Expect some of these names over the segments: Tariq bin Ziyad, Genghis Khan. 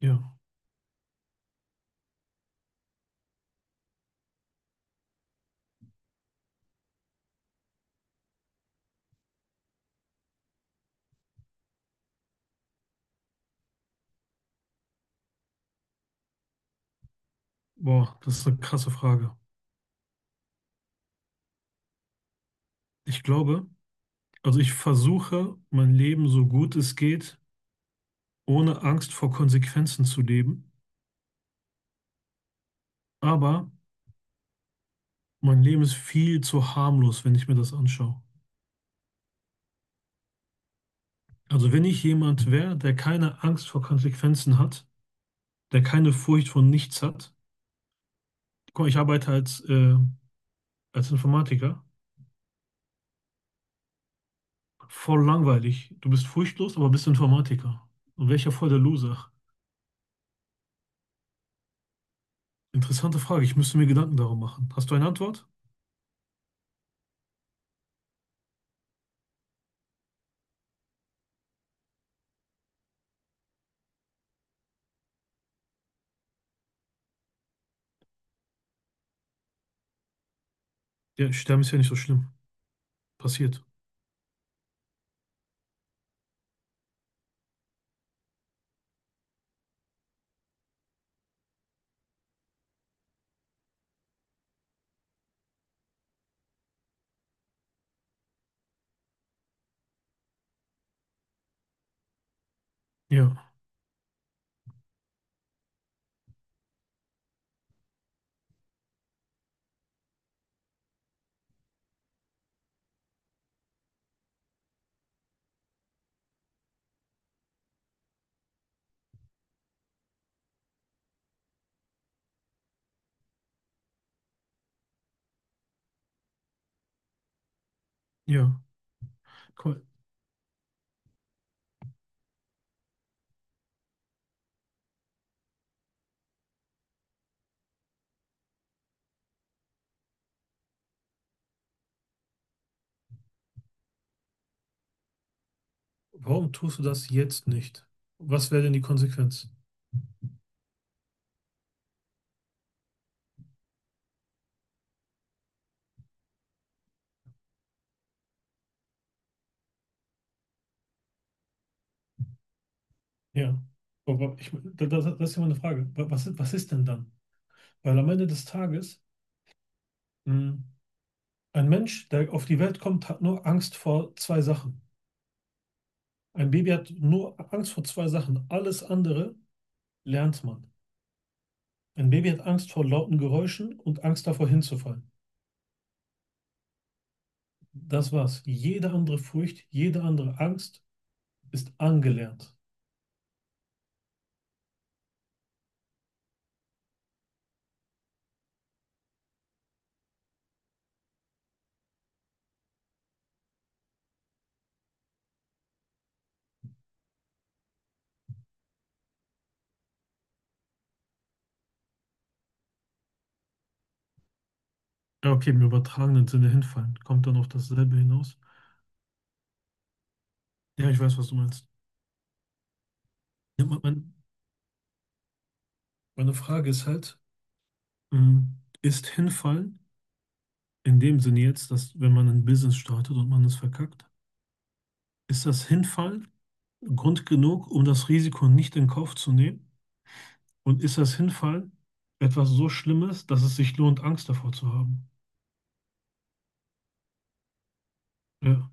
Ja, boah, das ist eine krasse Frage. Ich glaube, also ich versuche, mein Leben so gut es geht, ohne Angst vor Konsequenzen zu leben. Aber mein Leben ist viel zu harmlos, wenn ich mir das anschaue. Also wenn ich jemand wäre, der keine Angst vor Konsequenzen hat, der keine Furcht vor nichts hat. Guck mal, ich arbeite als Informatiker. Voll langweilig. Du bist furchtlos, aber bist Informatiker. Und welcher voll der Loser? Interessante Frage. Ich müsste mir Gedanken darum machen. Hast du eine Antwort? Ja, Sterben ist ja nicht so schlimm. Passiert. Ja, ja. Guck mal, warum tust du das jetzt nicht? Was wäre denn die Konsequenz? Ja. Aber ich, das ist ja mal eine Frage. Was, was ist denn dann? Weil am Ende des Tages, mh, ein Mensch, der auf die Welt kommt, hat nur Angst vor zwei Sachen. Ein Baby hat nur Angst vor zwei Sachen. Alles andere lernt man. Ein Baby hat Angst vor lauten Geräuschen und Angst davor hinzufallen. Das war's. Jede andere Furcht, jede andere Angst ist angelernt. Ja, okay, im übertragenen Sinne hinfallen. Kommt dann auf dasselbe hinaus? Ja, ich weiß, was du meinst. Ja, meine Frage ist halt, ist hinfallen in dem Sinne jetzt, dass wenn man ein Business startet und man es verkackt, ist das Hinfallen Grund genug, um das Risiko nicht in Kauf zu nehmen? Und ist das Hinfallen etwas so Schlimmes, dass es sich lohnt, Angst davor zu haben? Ja,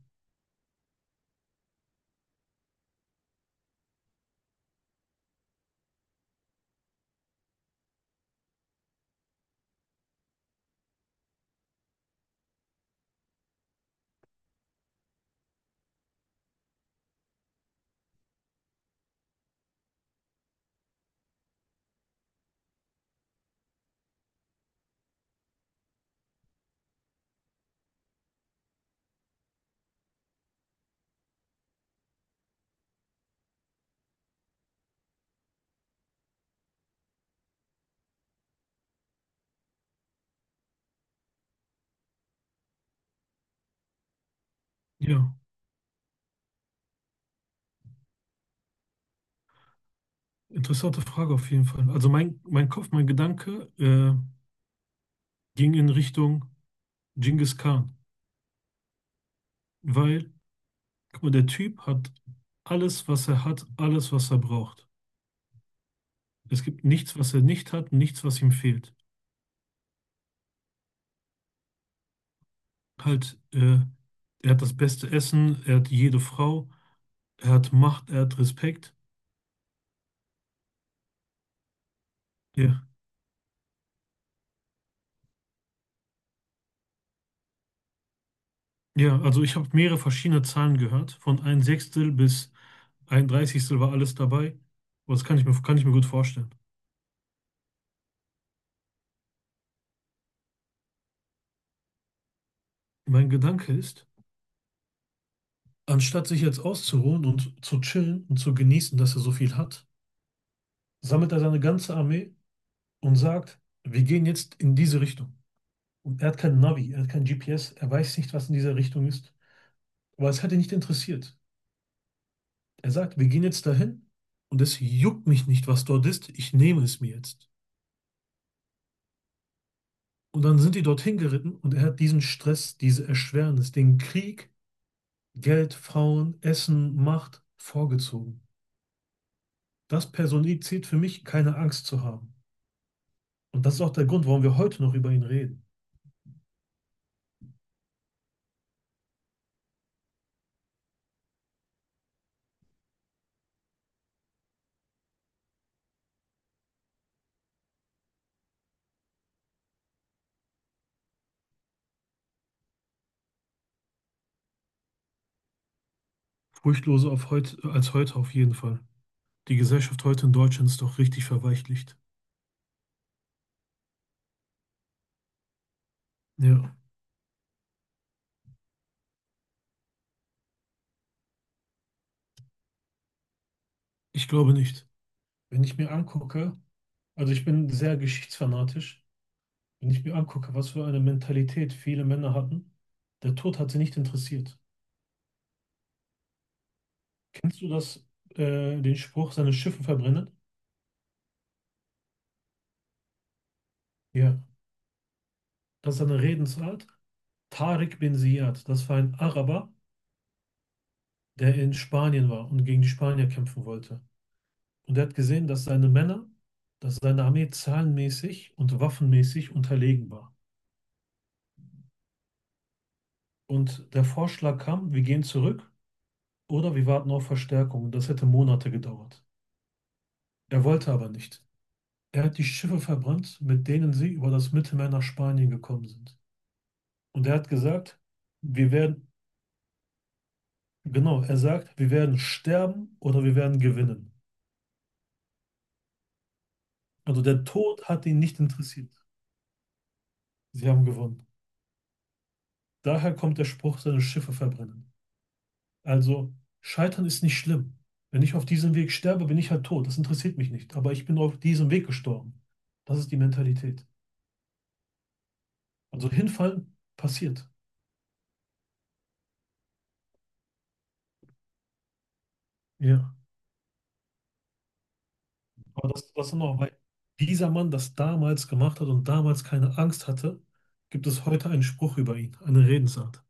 ja, interessante Frage auf jeden Fall. Also mein Kopf, mein Gedanke, ging in Richtung Genghis Khan, weil guck mal, der Typ hat alles, was er hat, alles, was er braucht. Es gibt nichts, was er nicht hat, nichts, was ihm fehlt. Halt, er hat das beste Essen, er hat jede Frau, er hat Macht, er hat Respekt. Ja, ja, also ich habe mehrere verschiedene Zahlen gehört. Von ein Sechstel bis ein Dreißigstel war alles dabei. Aber das kann ich mir gut vorstellen. Mein Gedanke ist, anstatt sich jetzt auszuruhen und zu chillen und zu genießen, dass er so viel hat, sammelt er seine ganze Armee und sagt, wir gehen jetzt in diese Richtung. Und er hat kein Navi, er hat kein GPS, er weiß nicht, was in dieser Richtung ist. Aber es hat ihn nicht interessiert. Er sagt, wir gehen jetzt dahin und es juckt mich nicht, was dort ist, ich nehme es mir jetzt. Und dann sind die dorthin geritten und er hat diesen Stress, diese Erschwernis, den Krieg, Geld, Frauen, Essen, Macht vorgezogen. Das personifiziert für mich, keine Angst zu haben. Und das ist auch der Grund, warum wir heute noch über ihn reden. Furchtloser als heute auf jeden Fall. Die Gesellschaft heute in Deutschland ist doch richtig verweichlicht. Ja, ich glaube nicht. Wenn ich mir angucke, also ich bin sehr geschichtsfanatisch, wenn ich mir angucke, was für eine Mentalität viele Männer hatten, der Tod hat sie nicht interessiert. Kennst du den Spruch, seine Schiffe verbrennen? Ja. Das ist eine Redensart. Tariq bin Ziyad, das war ein Araber, der in Spanien war und gegen die Spanier kämpfen wollte. Und er hat gesehen, dass seine Männer, dass seine Armee zahlenmäßig und waffenmäßig unterlegen war. Und der Vorschlag kam, wir gehen zurück oder wir warten auf Verstärkung. Und das hätte Monate gedauert. Er wollte aber nicht. Er hat die Schiffe verbrannt, mit denen sie über das Mittelmeer nach Spanien gekommen sind. Und er hat gesagt, wir werden Genau, er sagt, wir werden sterben oder wir werden gewinnen. Also der Tod hat ihn nicht interessiert. Sie haben gewonnen. Daher kommt der Spruch, seine Schiffe verbrennen. Also Scheitern ist nicht schlimm. Wenn ich auf diesem Weg sterbe, bin ich halt tot. Das interessiert mich nicht. Aber ich bin auf diesem Weg gestorben. Das ist die Mentalität. Also hinfallen passiert. Ja. Aber das, das dann auch, weil dieser Mann das damals gemacht hat und damals keine Angst hatte, gibt es heute einen Spruch über ihn, eine Redensart.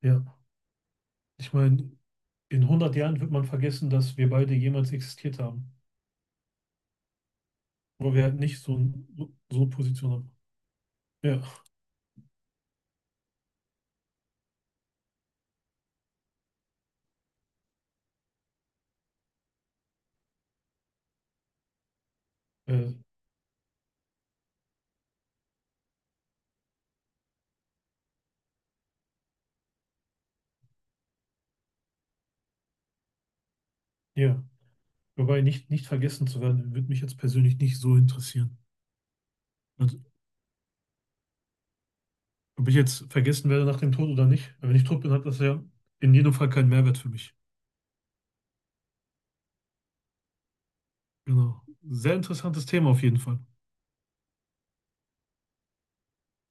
Ja, ich meine, in 100 Jahren wird man vergessen, dass wir beide jemals existiert haben. Weil wir halt nicht so eine Position haben. Ja, äh, ja. Wobei nicht vergessen zu werden, würde mich jetzt persönlich nicht so interessieren. Also, ob ich jetzt vergessen werde nach dem Tod oder nicht, wenn ich tot bin, hat das ja in jedem Fall keinen Mehrwert für mich. Genau. Sehr interessantes Thema auf jeden Fall.